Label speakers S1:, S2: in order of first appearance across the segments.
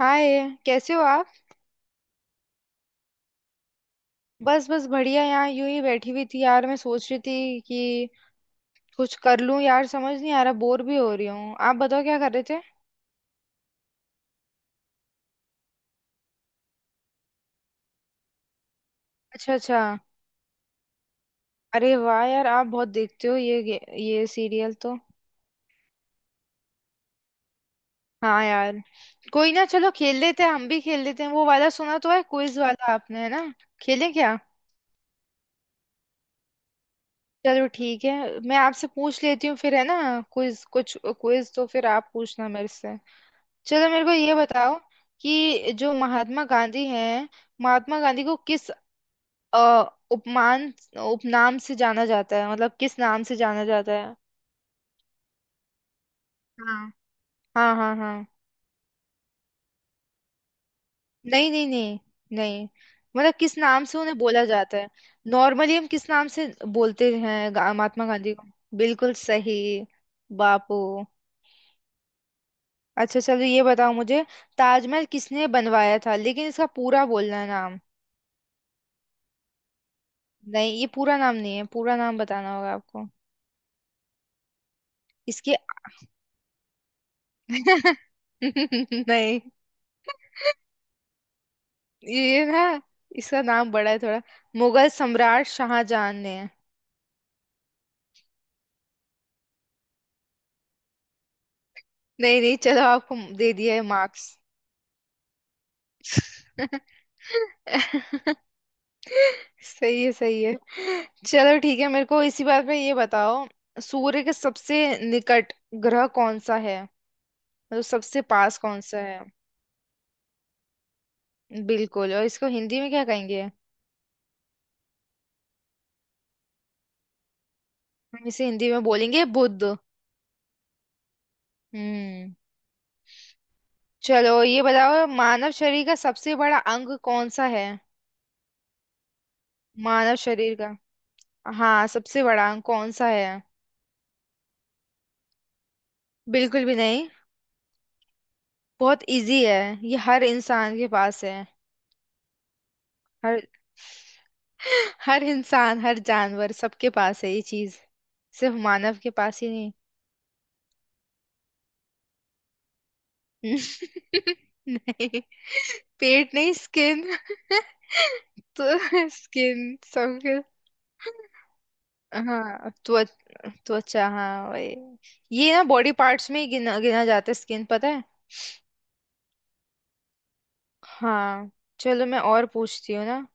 S1: हाय। कैसे हो आप। बस बस बढ़िया। यहाँ यूं ही बैठी हुई थी यार, मैं सोच रही थी कि कुछ कर लूं यार, समझ नहीं आ रहा, बोर भी हो रही हूँ। आप बताओ क्या कर रहे थे। अच्छा अच्छा। अरे वाह यार, आप बहुत देखते हो ये सीरियल तो। हाँ यार। कोई ना, चलो खेल लेते हैं, हम भी खेल लेते हैं। वो वाला सुना तो है, क्विज वाला, आपने है ना। खेलें क्या। चलो ठीक है, मैं आपसे पूछ लेती हूँ फिर, है ना। क्विज, कुछ क्विज तो फिर आप पूछना मेरे से। चलो मेरे को ये बताओ, कि जो महात्मा गांधी हैं। महात्मा गांधी को किस अ, उपमान उपनाम से जाना जाता है, मतलब किस नाम से जाना जाता है। हाँ, हाँ, हाँ, हाँ। नहीं, नहीं, नहीं, नहीं। मतलब किस नाम से उन्हें बोला जाता है। नॉर्मली हम किस नाम से बोलते हैं महात्मा गांधी को। बिल्कुल सही। बापू। अच्छा, चलो ये बताओ मुझे। ताजमहल किसने बनवाया था, लेकिन इसका पूरा बोलना है नाम। नहीं, ये पूरा नाम नहीं है, पूरा नाम बताना होगा आपको। इसके। नहीं। ये ना, इसका नाम बड़ा है थोड़ा। मुगल सम्राट शाहजहां ने। नहीं, नहीं, चलो आपको दे दिया है मार्क्स। सही है, सही है। चलो ठीक है, मेरे को इसी बात पे ये बताओ। सूर्य के सबसे निकट ग्रह कौन सा है, मतलब सबसे पास कौन सा है। बिल्कुल। और इसको हिंदी में क्या कहेंगे। हम इसे हिंदी में बोलेंगे बुध। हम्म। चलो ये बताओ, मानव शरीर का सबसे बड़ा अंग कौन सा है। मानव शरीर का, हाँ सबसे बड़ा अंग कौन सा है। बिल्कुल भी नहीं। बहुत इजी है। ये हर इंसान के पास है। हर हर इंसान हर जानवर सबके पास है ये चीज। सिर्फ मानव के पास ही नहीं। नहीं। पेट नहीं, स्किन। तो स्किन सबके। हाँ, त्वचा, हाँ वही। ये ना बॉडी पार्ट्स में ही गिना गिना जाता है स्किन, पता है। हाँ। चलो मैं और पूछती हूँ ना।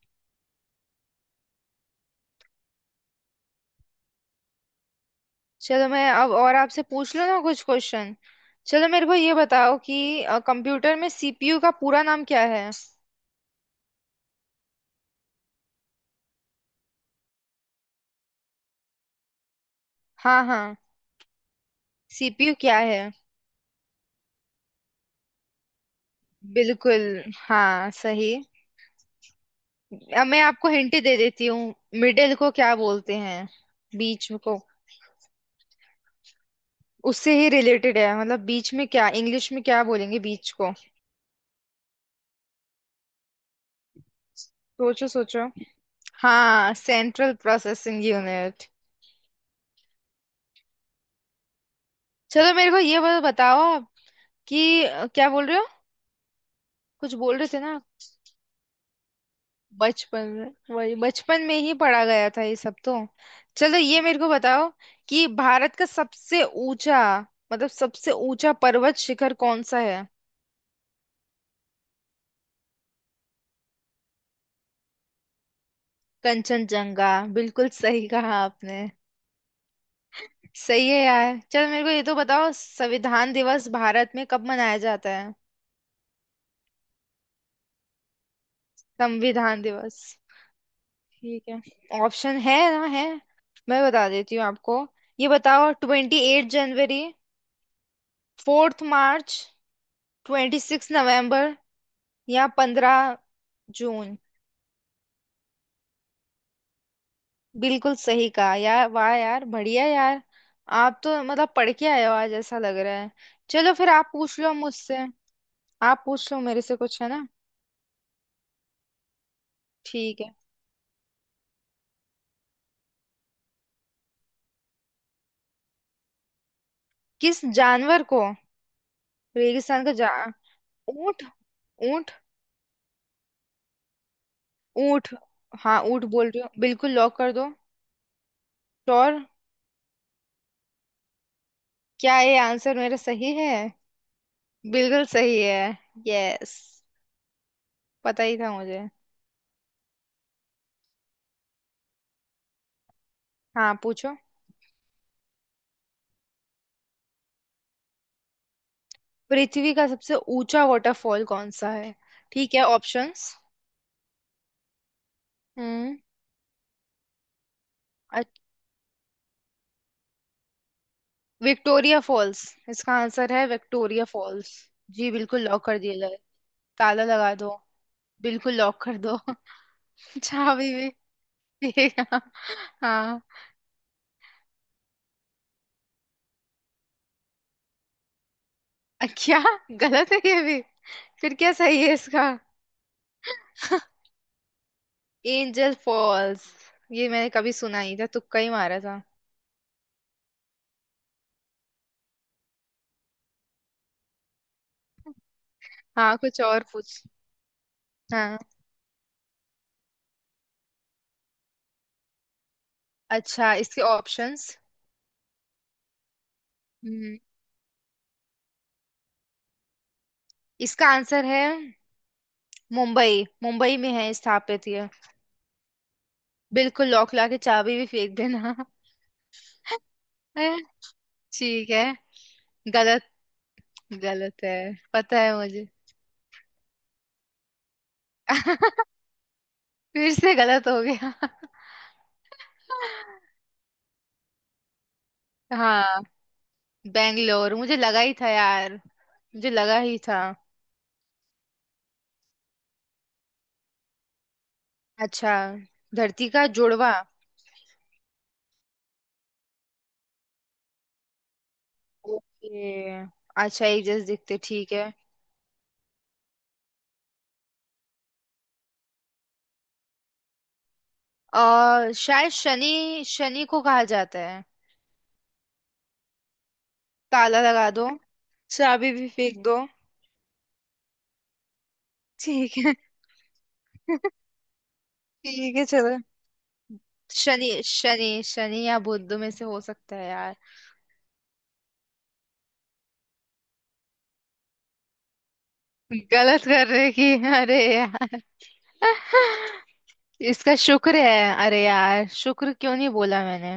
S1: चलो मैं अब और आपसे पूछ लूँ ना कुछ क्वेश्चन। चलो मेरे को ये बताओ, कि कंप्यूटर में सीपीयू का पूरा नाम क्या है। हाँ, हाँ। सीपीयू क्या है। बिल्कुल। हाँ सही। अब मैं आपको हिंट दे देती हूँ। मिडिल को क्या बोलते हैं, बीच को। उससे ही रिलेटेड है, मतलब बीच में क्या, इंग्लिश में क्या बोलेंगे बीच को। सोचो सोचो। हाँ, सेंट्रल प्रोसेसिंग यूनिट। चलो मेरे को ये बताओ आप। कि क्या बोल रहे हो। कुछ बोल रहे थे ना। बचपन में वही, बचपन में ही पढ़ा गया था ये सब तो। चलो ये मेरे को बताओ, कि भारत का सबसे ऊंचा, मतलब सबसे ऊंचा पर्वत शिखर कौन सा है। कंचनजंगा। बिल्कुल सही कहा आपने। सही है यार, चलो मेरे को ये तो बताओ, संविधान दिवस भारत में कब मनाया जाता है। संविधान दिवस। ठीक है, ऑप्शन है ना है। मैं बता देती हूँ आपको। ये बताओ, 28 जनवरी, 4 मार्च, 26 नवम्बर, या 15 जून। बिल्कुल सही कहा यार, वाह यार, बढ़िया यार। आप तो मतलब पढ़ के आए हो आज, ऐसा लग रहा है। चलो फिर आप पूछ लो मुझसे। आप पूछ लो मेरे से कुछ, है ना। ठीक है। किस जानवर को रेगिस्तान का जा ऊंट, ऊंट, ऊंट। हाँ ऊंट बोल रही हो, बिल्कुल लॉक कर दो। श्योर। क्या ये आंसर मेरा सही है। बिल्कुल सही है। यस। पता ही था मुझे। हाँ पूछो। पृथ्वी का सबसे ऊंचा वाटरफॉल कौन सा है। ठीक है, ऑप्शंस। हम्म। अच- विक्टोरिया फॉल्स। इसका आंसर है विक्टोरिया फॉल्स। जी बिल्कुल, लॉक कर दिया जाए। ताला लगा दो। बिल्कुल लॉक कर दो। चाबी भी। भी- हाँ। क्या, गलत है ये भी। फिर क्या सही है इसका। Angel Falls. ये मैंने कभी सुना नहीं था, तुक्का ही मारा था। हाँ कुछ और पूछ। हाँ। अच्छा, इसके ऑप्शंस। हम्म। इसका आंसर है मुंबई, मुंबई में है स्थापित ये। बिल्कुल लॉक ला के, चाबी भी फेंक देना। है? ठीक है। गलत। गलत है, पता है मुझे। फिर से गलत हो गया। हाँ। बेंगलोर मुझे लगा ही था यार, मुझे लगा ही था। अच्छा। धरती का जुड़वा। ओके। अच्छा, एक जैसे दिखते, ठीक है। शायद शनि, शनि को कहा जाता है। ताला लगा दो। चाबी भी फेंक दो। ठीक है। ठीक है, चलो। शनि, शनि, शनि या बुध में से हो सकता है यार। गलत कर रहे कि, अरे यार। इसका शुक्र है, अरे यार, शुक्र क्यों नहीं बोला मैंने।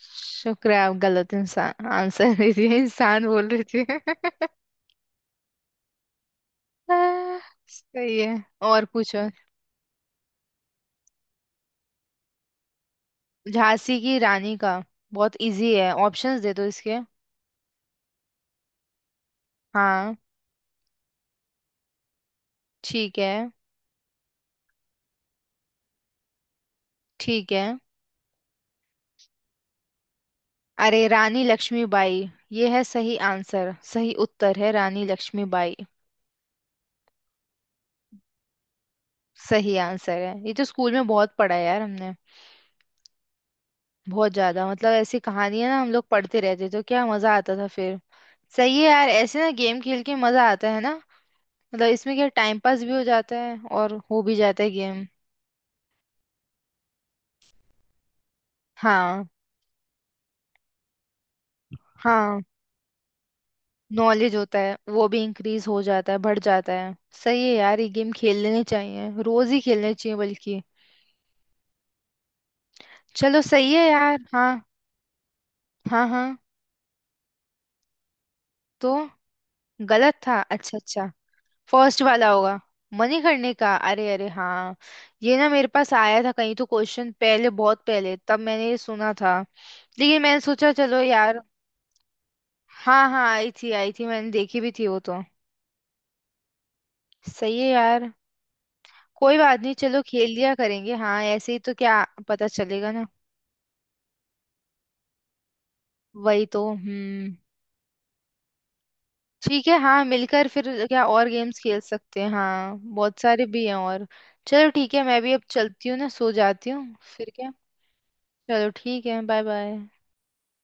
S1: शुक्र है आप गलत इंसान आंसर दे दिए, इंसान बोल रही थी। सही है। और पूछो। झांसी की रानी का। बहुत इजी है, ऑप्शंस दे दो इसके। हाँ। ठीक है। ठीक है। अरे, रानी लक्ष्मीबाई। ये है सही आंसर, सही उत्तर है रानी लक्ष्मीबाई। सही आंसर है, ये तो स्कूल में बहुत पढ़ा है यार हमने। बहुत ज्यादा, मतलब ऐसी कहानियां ना हम लोग पढ़ते रहते तो क्या मजा आता था फिर। सही है यार, ऐसे ना गेम खेल के मजा आता है ना। मतलब इसमें क्या टाइम पास भी हो जाता है, और हो भी जाता है गेम। हाँ। हाँ। नॉलेज होता है वो भी इंक्रीज हो जाता है, बढ़ जाता है। सही है यार, ये गेम खेल लेने चाहिए, रोज ही खेलने चाहिए बल्कि। चलो सही है यार, हाँ। हाँ, हाँ तो। गलत था, अच्छा, अच्छा। फर्स्ट वाला होगा। मनी करने का, अरे, अरे हाँ। ये ना मेरे पास आया था कहीं तो क्वेश्चन पहले, बहुत पहले, तब मैंने ये सुना था। लेकिन मैंने सोचा चलो यार। हाँ, हाँ, आई थी, आई थी, मैंने देखी भी थी वो तो। सही है यार। कोई बात नहीं, चलो खेल लिया करेंगे, हाँ ऐसे ही तो क्या पता चलेगा ना। वही तो, हम्म। ठीक है, हाँ मिलकर फिर क्या और गेम्स खेल सकते हैं, हाँ बहुत सारे भी हैं और। चलो ठीक है, मैं भी अब चलती हूँ ना, सो जाती हूँ फिर क्या। चलो ठीक है, बाय बाय।